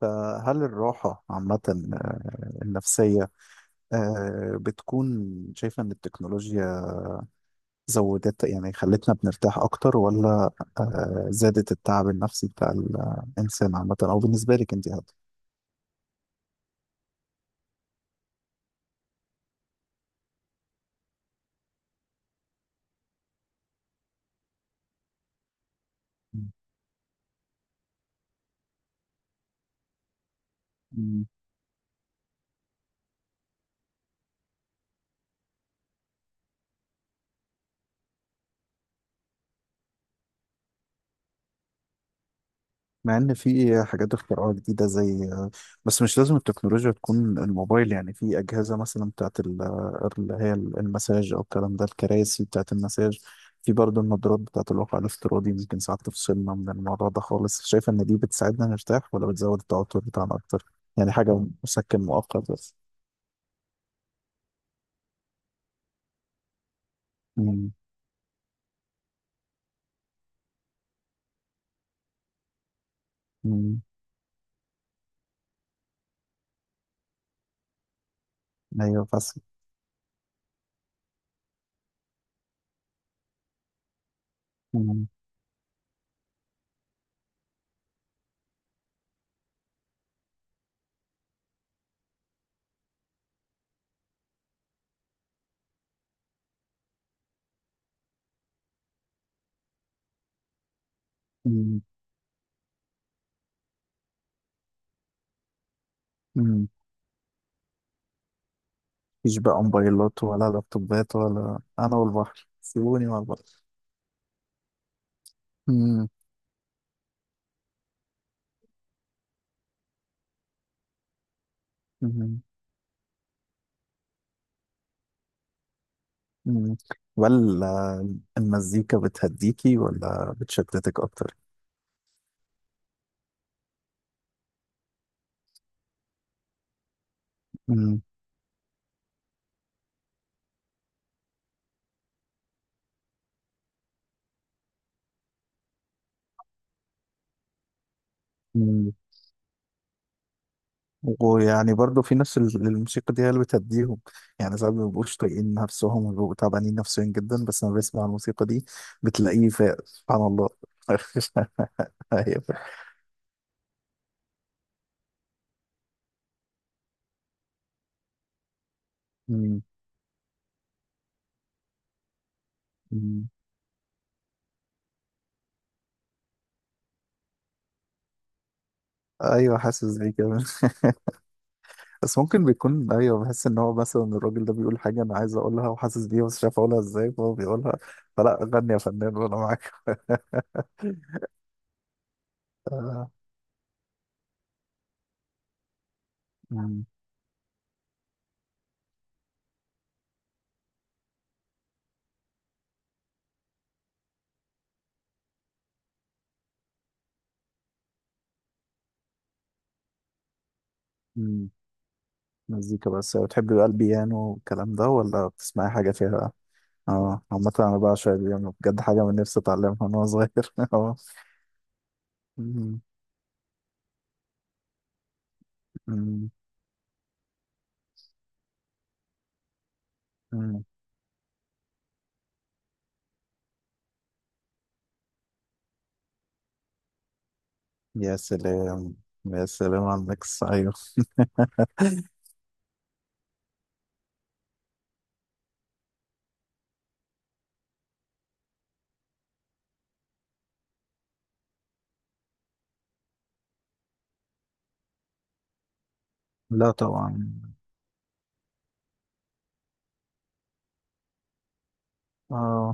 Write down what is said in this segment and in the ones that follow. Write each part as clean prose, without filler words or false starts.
فهل الراحة عامة آه، النفسية بتكون شايفة إن التكنولوجيا زودت يعني خلتنا بنرتاح أكتر ولا زادت التعب النفسي بتاع الإنسان عامة أو بالنسبة لك أنت هذا؟ مع ان في حاجات اختراعات جديده زي بس مش لازم التكنولوجيا تكون الموبايل، يعني في اجهزه مثلا بتاعت اللي هي المساج او الكلام ده الكراسي بتاعت المساج. في برضه النظارات بتاعت الواقع الافتراضي، ممكن ساعات تفصلنا من الموضوع ده خالص. شايف ان دي بتساعدنا نرتاح ولا بتزود التوتر بتاعنا اكتر؟ يعني حاجه مسكن مؤقت بس. مم. مم. ايوه بس. مم. مم. مم. مفيش بقى موبايلات ولا لابتوبات، ولا انا والبحر سيبوني مع البحر. مم. مم. مم. ولا المزيكا بتهديكي ولا بتشتتك اكتر؟ مم. مم. ويعني برضو في ناس الموسيقى دي هي اللي بتهديهم. يعني ساعات ما بيبقوش طايقين نفسهم وبيبقوا تعبانين نفسيا جدا، بس لما بيسمع الموسيقى دي بتلاقيه فاق سبحان الله. أيوة. مم. مم. ايوه حاسس بيه كمان. بس ممكن بيكون، ايوه بحس ان هو مثلا الراجل ده بيقول حاجه انا عايز اقولها وحاسس بيها بس مش عارف اقولها ازاي، فهو بيقولها. فلا غني يا فنان وانا معاك. آه. مم. مم. مزيكا بس. بتحبي بقى البيانو والكلام ده ولا بتسمعي حاجة فيها بقى؟ اه، عامة أنا بعشق البيانو بجد، حاجة من نفسي أتعلمها من وأنا صغير. اه. أمم، أمم، أمم. يا سلام، يا سلام على الميكس. أيوه لا طبعا. اه،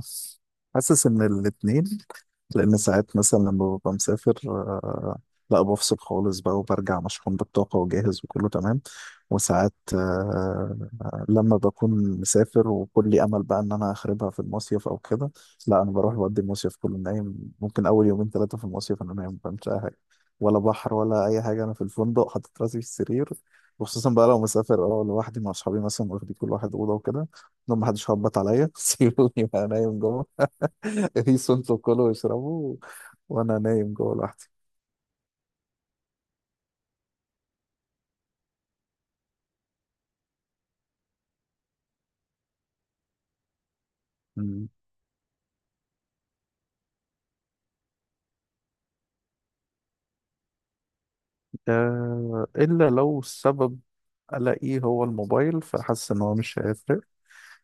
حاسس إن الاتنين. لأن ساعات مثلا لما ببقى مسافر لا بفصل خالص بقى وبرجع مشحون بالطاقة وجاهز وكله تمام. وساعات لما بكون مسافر وكل امل بقى ان انا اخربها في المصيف او كده، لا انا بروح بقضي المصيف كله نايم. ممكن اول يومين ثلاثه في المصيف انا نايم ما بعملش اي حاجه، ولا بحر ولا اي حاجه. انا في الفندق حاطط راسي في السرير. وخصوصا بقى لو مسافر اه لوحدي مع اصحابي مثلا واخدين كل واحد اوضه وكده، لو ما حدش خبط عليا سيبوني بقى نايم جوه. قيسوا انتوا كلوا واشربوا وانا نايم جوه لوحدي. مم. إلا لو السبب ألاقيه هو الموبايل فحاسس إن هو مش هيفرق.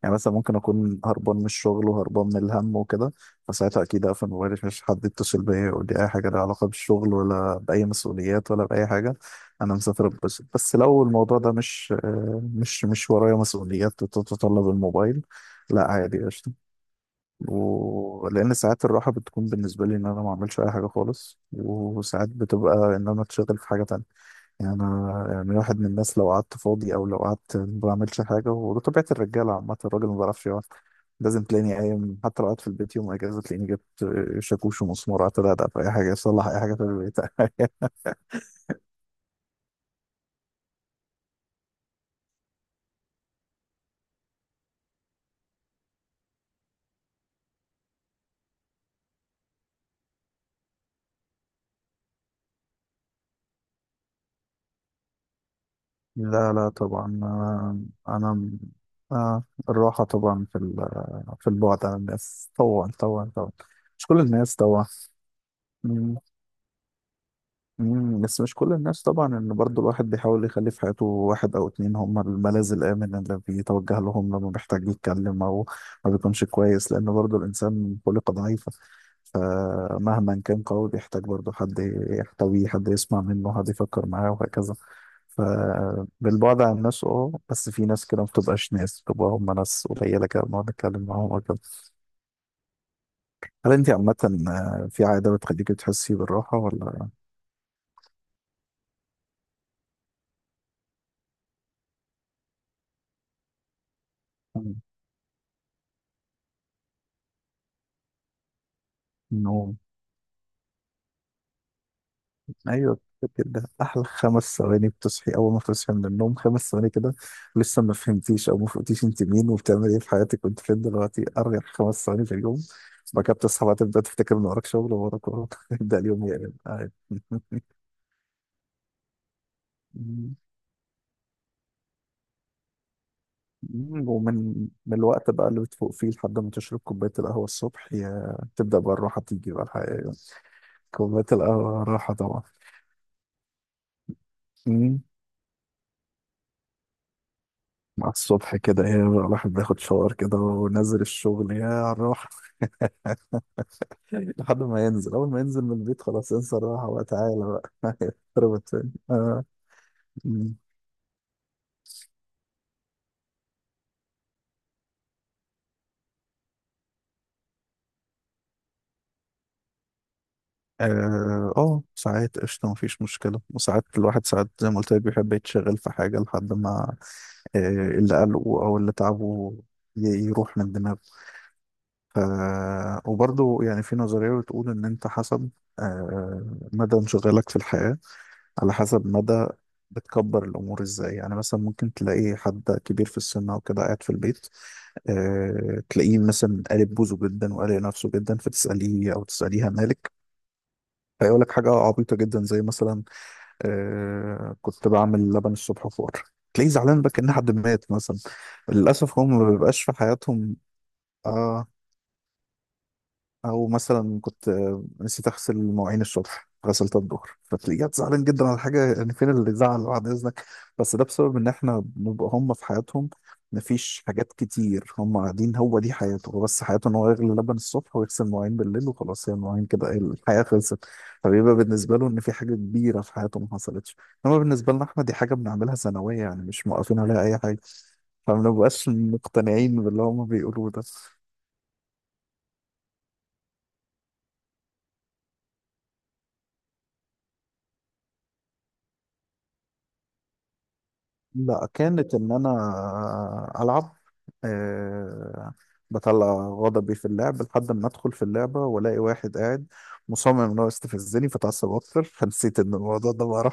يعني مثلا ممكن اكون هربان من الشغل وهربان من الهم وكده، فساعتها اكيد اقفل موبايلي مش حد يتصل بيا يقول لي اي حاجه لها علاقه بالشغل ولا باي مسؤوليات ولا باي حاجه. انا مسافر اتبسط. بس لو الموضوع ده مش ورايا مسؤوليات تتطلب الموبايل، لا عادي قشطه. ولان ساعات الراحه بتكون بالنسبه لي ان انا ما اعملش اي حاجه خالص، وساعات بتبقى ان انا اتشغل في حاجه تانية. يعني أنا، يعني واحد من الناس لو قعدت فاضي أو لو قعدت ما بعملش حاجة، وده طبيعة الرجالة عامة، الراجل ما بيعرفش يقعد. لازم تلاقيني قايم، حتى لو قعدت في البيت يوم أجازة تلاقيني جبت شاكوش ومسمار قعدت أدقدق في أي حاجة أصلح أي حاجة في البيت. لا لا طبعا. أنا آه الراحة طبعا في في البعد عن الناس، طبعا طبعا طبعا. مش كل الناس طبعا. مم، بس مش كل الناس طبعا، ان برضو الواحد بيحاول يخلي في حياته واحد او اتنين هم الملاذ الامن اللي بيتوجه لهم لما بيحتاج يتكلم او ما بيكونش كويس، لان برضو الانسان خلقه ضعيفة. فمهما كان قوي بيحتاج برضو حد يحتويه، حد يسمع منه، حد يفكر معاه وهكذا. فبالبعد عن الناس اه، بس في ناس كده ما بتبقاش ناس، بتبقى هم ناس قليلة كده بنقعد نتكلم معاهم وكده. هل انت عامة في عادة بتخليكي تحسي بالراحة ولا؟ مم. نوم، ايوه. كده احلى خمس ثواني بتصحي اول ما تصحي من النوم، خمس ثواني كده لسه ما فهمتيش او ما فهمتيش انت مين وبتعمل ايه في حياتك وانت فين دلوقتي. ارجع خمس ثواني في اليوم. بعد كده بتصحى بقى تبدا تفتكر ان وراك شغل وراك وراك يبدا اليوم يقلب عادي. مم. ومن الوقت بقى اللي بتفوق فيه لحد ما تشرب كوبايه القهوه الصبح، يا تبدا بقى الراحه تيجي بقى الحقيقه. كوبايه القهوه الراحه طبعا. مم. مع الصبح كده ايه، بقى الواحد بياخد شاور كده ونازل الشغل، يا الراحه. لحد ما ينزل اول ما ينزل من البيت خلاص انسى الراحه بقى، تعالى بقى اتربط تاني اه. م. اه ساعات قشطه مفيش مشكله. وساعات الواحد ساعات زي ما قلت لك بيحب يتشغل في حاجه لحد ما آه، اللي قلقه او اللي تعبه ي- يروح من دماغه. ف... وبرضه يعني في نظريه بتقول ان انت حسب آه، مدى انشغالك في الحياه، على حسب مدى بتكبر الامور ازاي. يعني مثلا ممكن تلاقي حد كبير في السن او كده قاعد في البيت تلاقيه مثلا قالب بوزه جدا وقالق نفسه جدا، فتسأليه أو تسأليها مالك، فيقول لك حاجة عبيطة جدا زي مثلا كنت بعمل لبن الصبح فور. تلاقيه زعلان بقى كأن حد مات مثلا. للأسف هم ما بيبقاش في حياتهم اه، او مثلا كنت نسيت اغسل مواعين الصبح غسلتها الظهر، فتلاقيها زعلان جدا على حاجه. يعني فين اللي زعل بعد اذنك؟ بس ده بسبب ان احنا بنبقى هم في حياتهم، مفيش حاجات كتير هم قاعدين، هو دي حياته هو، بس حياته ان هو يغلي لبن الصبح ويغسل مواعين بالليل وخلاص. هي المواعين كده إيه، الحياه خلصت. فبيبقى بالنسبه له ان في حاجه كبيره في حياته ما حصلتش. انما بالنسبه لنا احنا دي حاجه بنعملها سنويه، يعني مش موقفين عليها اي حاجه. فما بنبقاش مقتنعين باللي هم بيقولوه ده. لا كانت ان انا العب. أه بطلع غضبي في اللعب، لحد ما ادخل في اللعبه والاقي واحد قاعد مصمم ان هو يستفزني فتعصب اكتر فنسيت ان الموضوع ده بقى.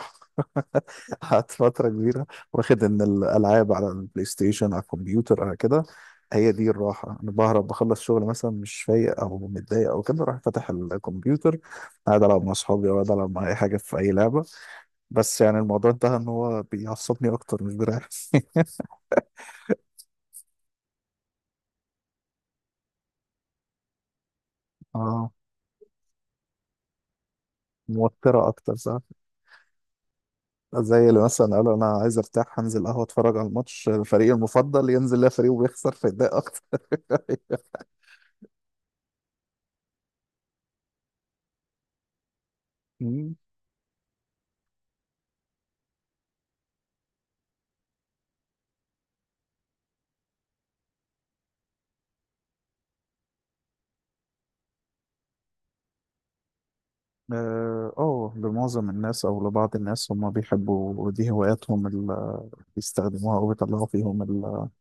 قعدت فتره كبيره واخد ان الالعاب على البلاي ستيشن على الكمبيوتر على كده. هي دي الراحه، انا بهرب بخلص شغل مثلا مش فايق او متضايق او كده، اروح فاتح الكمبيوتر قاعد العب مع اصحابي او قاعد العب مع اي حاجه في اي لعبه. بس يعني الموضوع انتهى ان هو بيعصبني اكتر مش بيريحني. اه موترة اكتر صح. زي اللي مثلا قالوا انا عايز ارتاح هنزل قهوة اتفرج على الماتش فريقي المفضل، ينزل لا فريقه بيخسر فيتضايق اكتر. مم. اه لمعظم الناس او لبعض الناس هم بيحبوا دي هواياتهم اللي بيستخدموها وبيطلعوا فيهم